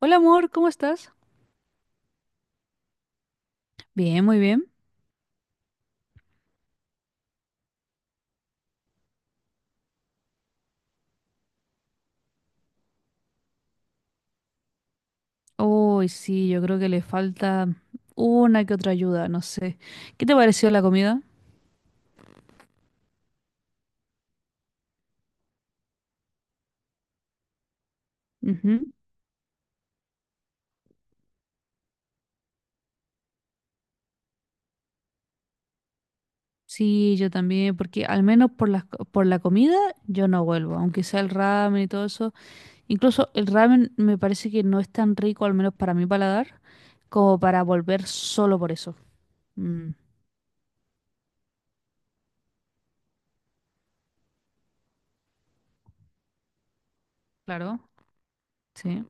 Hola amor, ¿cómo estás? Bien, muy bien. Uy, sí, yo creo que le falta una que otra ayuda, no sé. ¿Qué te pareció la comida? Ujú. Sí, yo también, porque al menos por la comida yo no vuelvo, aunque sea el ramen y todo eso. Incluso el ramen me parece que no es tan rico, al menos para mi paladar, como para volver solo por eso. Mm, claro, sí,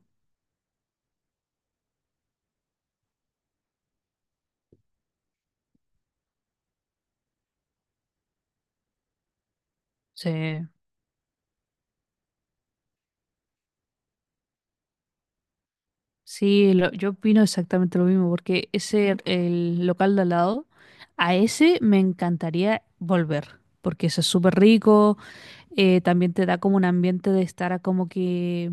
sí. Sí, yo opino exactamente lo mismo, porque ese, el local de al lado, a ese me encantaría volver, porque eso es súper rico, también te da como un ambiente de estar a como que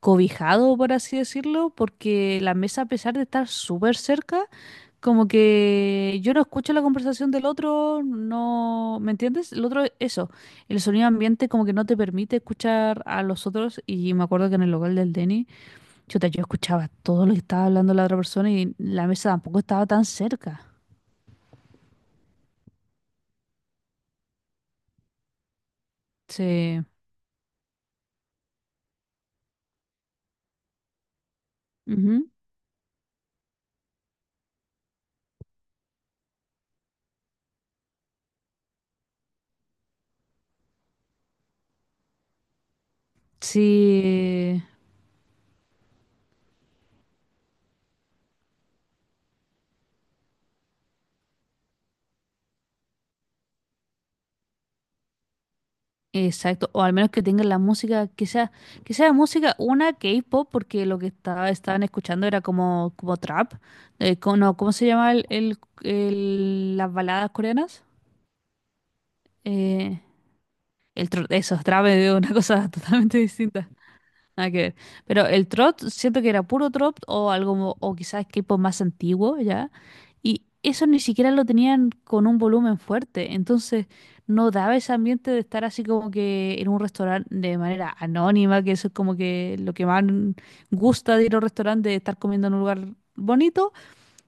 cobijado, por así decirlo, porque la mesa, a pesar de estar súper cerca, como que yo no escucho la conversación del otro, no, ¿me entiendes? El otro, eso, el sonido ambiente como que no te permite escuchar a los otros, y me acuerdo que en el local del Denny, Chuta, yo escuchaba todo lo que estaba hablando la otra persona y la mesa tampoco estaba tan cerca. Sí. Ujú, sí, exacto. O al menos que tengan la música, que sea música una K-pop, porque estaban escuchando era como trap. No, ¿cómo se llama las baladas coreanas? Eh, eso, trap es una cosa totalmente distinta. Nada que ver. Pero el trot, siento que era puro trot o algo, o quizás equipo más antiguo, ¿ya? Y eso ni siquiera lo tenían con un volumen fuerte. Entonces, no daba ese ambiente de estar así como que en un restaurante de manera anónima, que eso es como que lo que más gusta de ir a un restaurante, de estar comiendo en un lugar bonito,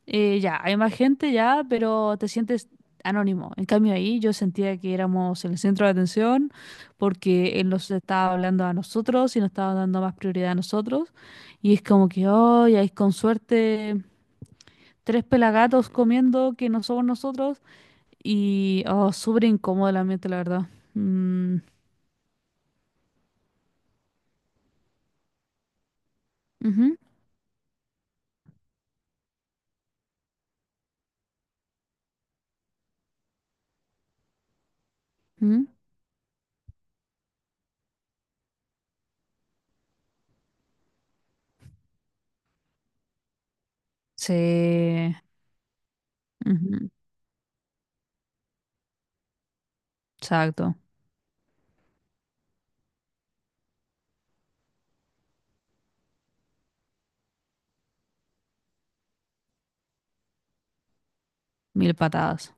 ya, hay más gente ya, pero te sientes anónimo. En cambio ahí yo sentía que éramos el centro de atención porque él nos estaba hablando a nosotros y nos estaba dando más prioridad a nosotros. Y es como que, hoy hay con suerte tres pelagatos comiendo que no somos nosotros. Y, oh, súper incómodo el ambiente, la verdad. Mm, ujú, ujú. Sí, ujú, exacto. Mil patadas.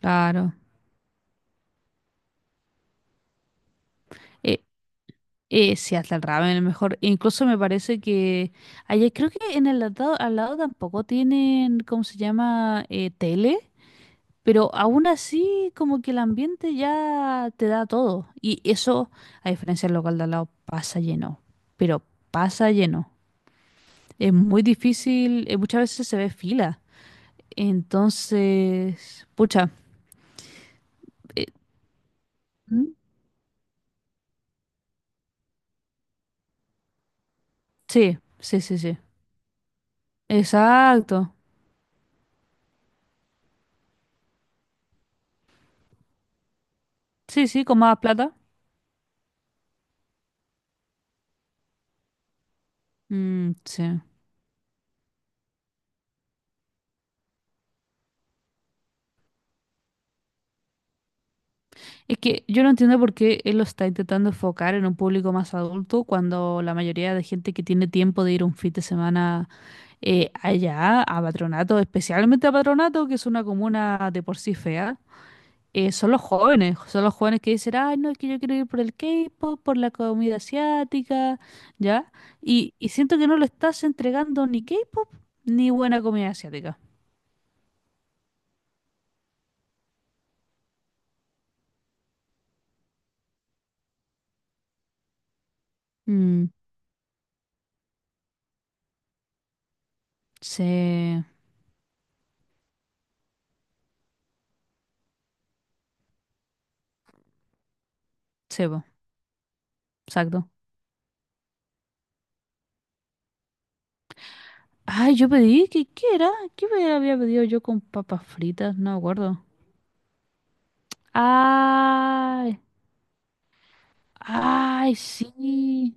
Claro. Eh, sí, hasta el ramen es mejor. Incluso me parece que allá creo que en el lado, al lado tampoco tienen, ¿cómo se llama? Tele, pero aún así como que el ambiente ya te da todo. Y eso, a diferencia del local de al lado, pasa lleno, pero pasa lleno. Es muy difícil, muchas veces se ve fila. Entonces, pucha, eh, ¿mm? Sí, sí, sí, sí. Exacto. Sí, sí, con más plata. Mm, sí. Es que yo no entiendo por qué él lo está intentando enfocar en un público más adulto cuando la mayoría de gente que tiene tiempo de ir un fin de semana, allá a Patronato, especialmente a Patronato, que es una comuna de por sí fea, son los jóvenes que dicen, ay, no, es que yo quiero ir por el K-pop, por la comida asiática, ¿ya? Y siento que no lo estás entregando ni K-pop ni buena comida asiática. Mm, sí, sí, po, exacto. Ay, yo pedí, ¿qué era? ¿Qué me había pedido yo con papas fritas? No me acuerdo. Ay, ay, sí.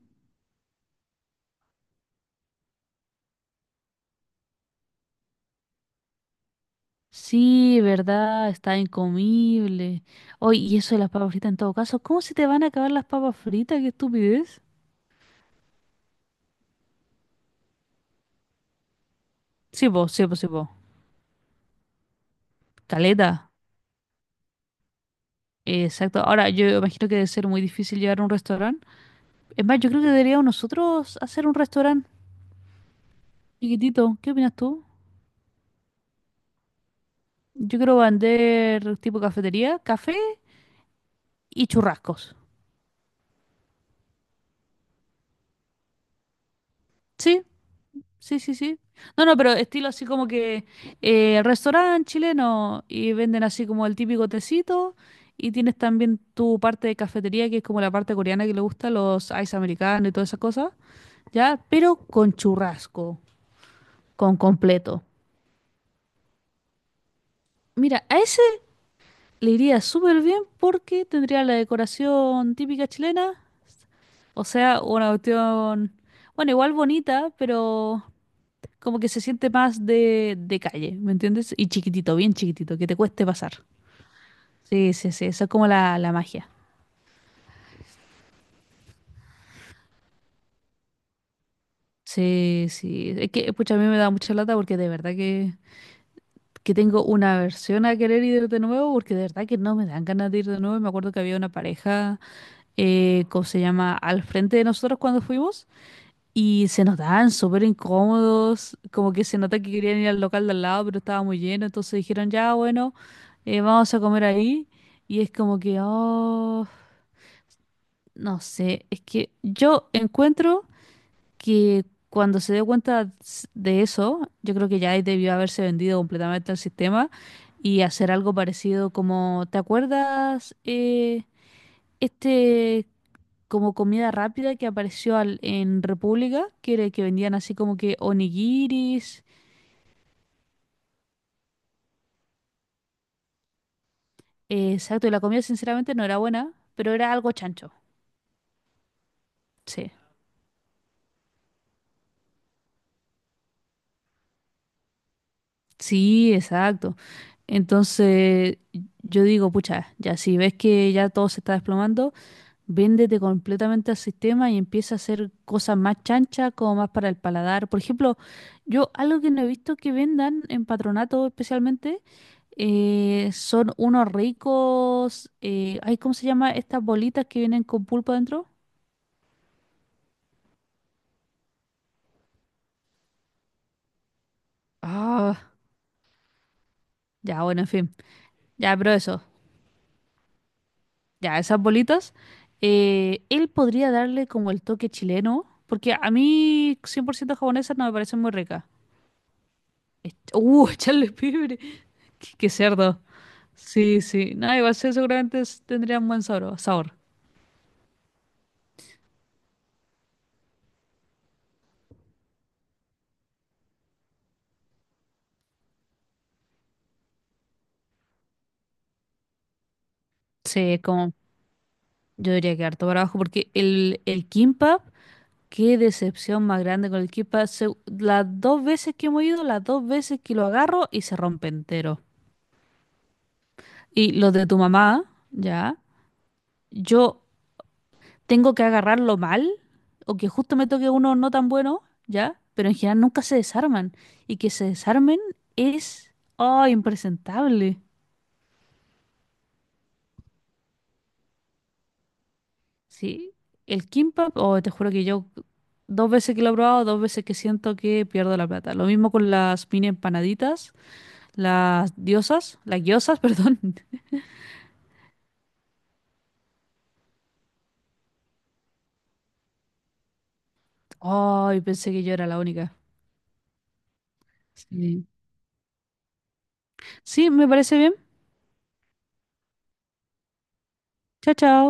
Sí, verdad, está incomible. Oye, y eso de las papas fritas en todo caso, ¿cómo se te van a acabar las papas fritas? ¡Qué estupidez! Sí, vos, sí, vos, sí, vos. Caleta. Exacto. Ahora, yo imagino que debe ser muy difícil llevar a un restaurante. Es más, yo creo que deberíamos nosotros hacer un restaurante chiquitito. ¿Qué opinas tú? Yo quiero vender tipo cafetería, café y churrascos. Sí, sí, sí, sí. No, no, pero estilo así como que, restaurante chileno y venden así como el típico tecito y tienes también tu parte de cafetería que es como la parte coreana que le gusta, los ice americanos y todas esas cosas, ya, pero con churrasco, con completo. Mira, a ese le iría súper bien porque tendría la decoración típica chilena, o sea, una cuestión, bueno, igual bonita, pero como que se siente más de, calle, ¿me entiendes? Y chiquitito, bien chiquitito, que te cueste pasar. Sí, sí, sí, eso es como la magia. Sí, sí. Es que, pucha, a mí me da mucha lata porque de verdad que tengo una aversión a querer ir de nuevo porque de verdad que no me dan ganas de ir de nuevo. Me acuerdo que había una pareja, ¿cómo se llama? Al frente de nosotros cuando fuimos. Y se notaban súper incómodos, como que se nota que querían ir al local de al lado, pero estaba muy lleno, entonces dijeron, ya, bueno, vamos a comer ahí. Y es como que, oh, no sé, es que yo encuentro que cuando se dio cuenta de eso, yo creo que ya ahí debió haberse vendido completamente al sistema y hacer algo parecido como, ¿te acuerdas? Este, como comida rápida que apareció en República, que vendían así como que onigiris. Exacto, y la comida sinceramente no era buena, pero era algo chancho. Sí. Sí, exacto. Entonces, yo digo, pucha, ya si ves que ya todo se está desplomando, véndete completamente al sistema y empieza a hacer cosas más chanchas, como más para el paladar. Por ejemplo, yo algo que no he visto que vendan en Patronato, especialmente, son unos ricos, ay, ¿cómo se llama? Estas bolitas que vienen con pulpo dentro. Ah, ya, bueno, en fin. Ya, pero eso, ya, esas bolitas. Él podría darle como el toque chileno, porque a mí 100% japonesa no me parecen muy ricas. Echarle pibre. Qué cerdo. Sí, sí. No, igual sí, seguramente tendría un buen sabor. Sí, como yo diría que harto para abajo, porque el kimbap, qué decepción más grande con el kimbap. Las dos veces que hemos ido, las dos veces que lo agarro y se rompe entero. Y los de tu mamá, ya. Yo tengo que agarrarlo mal o que justo me toque uno no tan bueno, ¿ya? Pero en general nunca se desarman. Y que se desarmen es, oh, impresentable. Sí, el kimbap, oh, te juro que yo dos veces que lo he probado, dos veces que siento que pierdo la plata. Lo mismo con las mini empanaditas, las diosas, las gyozas, perdón. Ay, pensé que yo era la única. Sí. Sí, me parece bien. Chao, chao.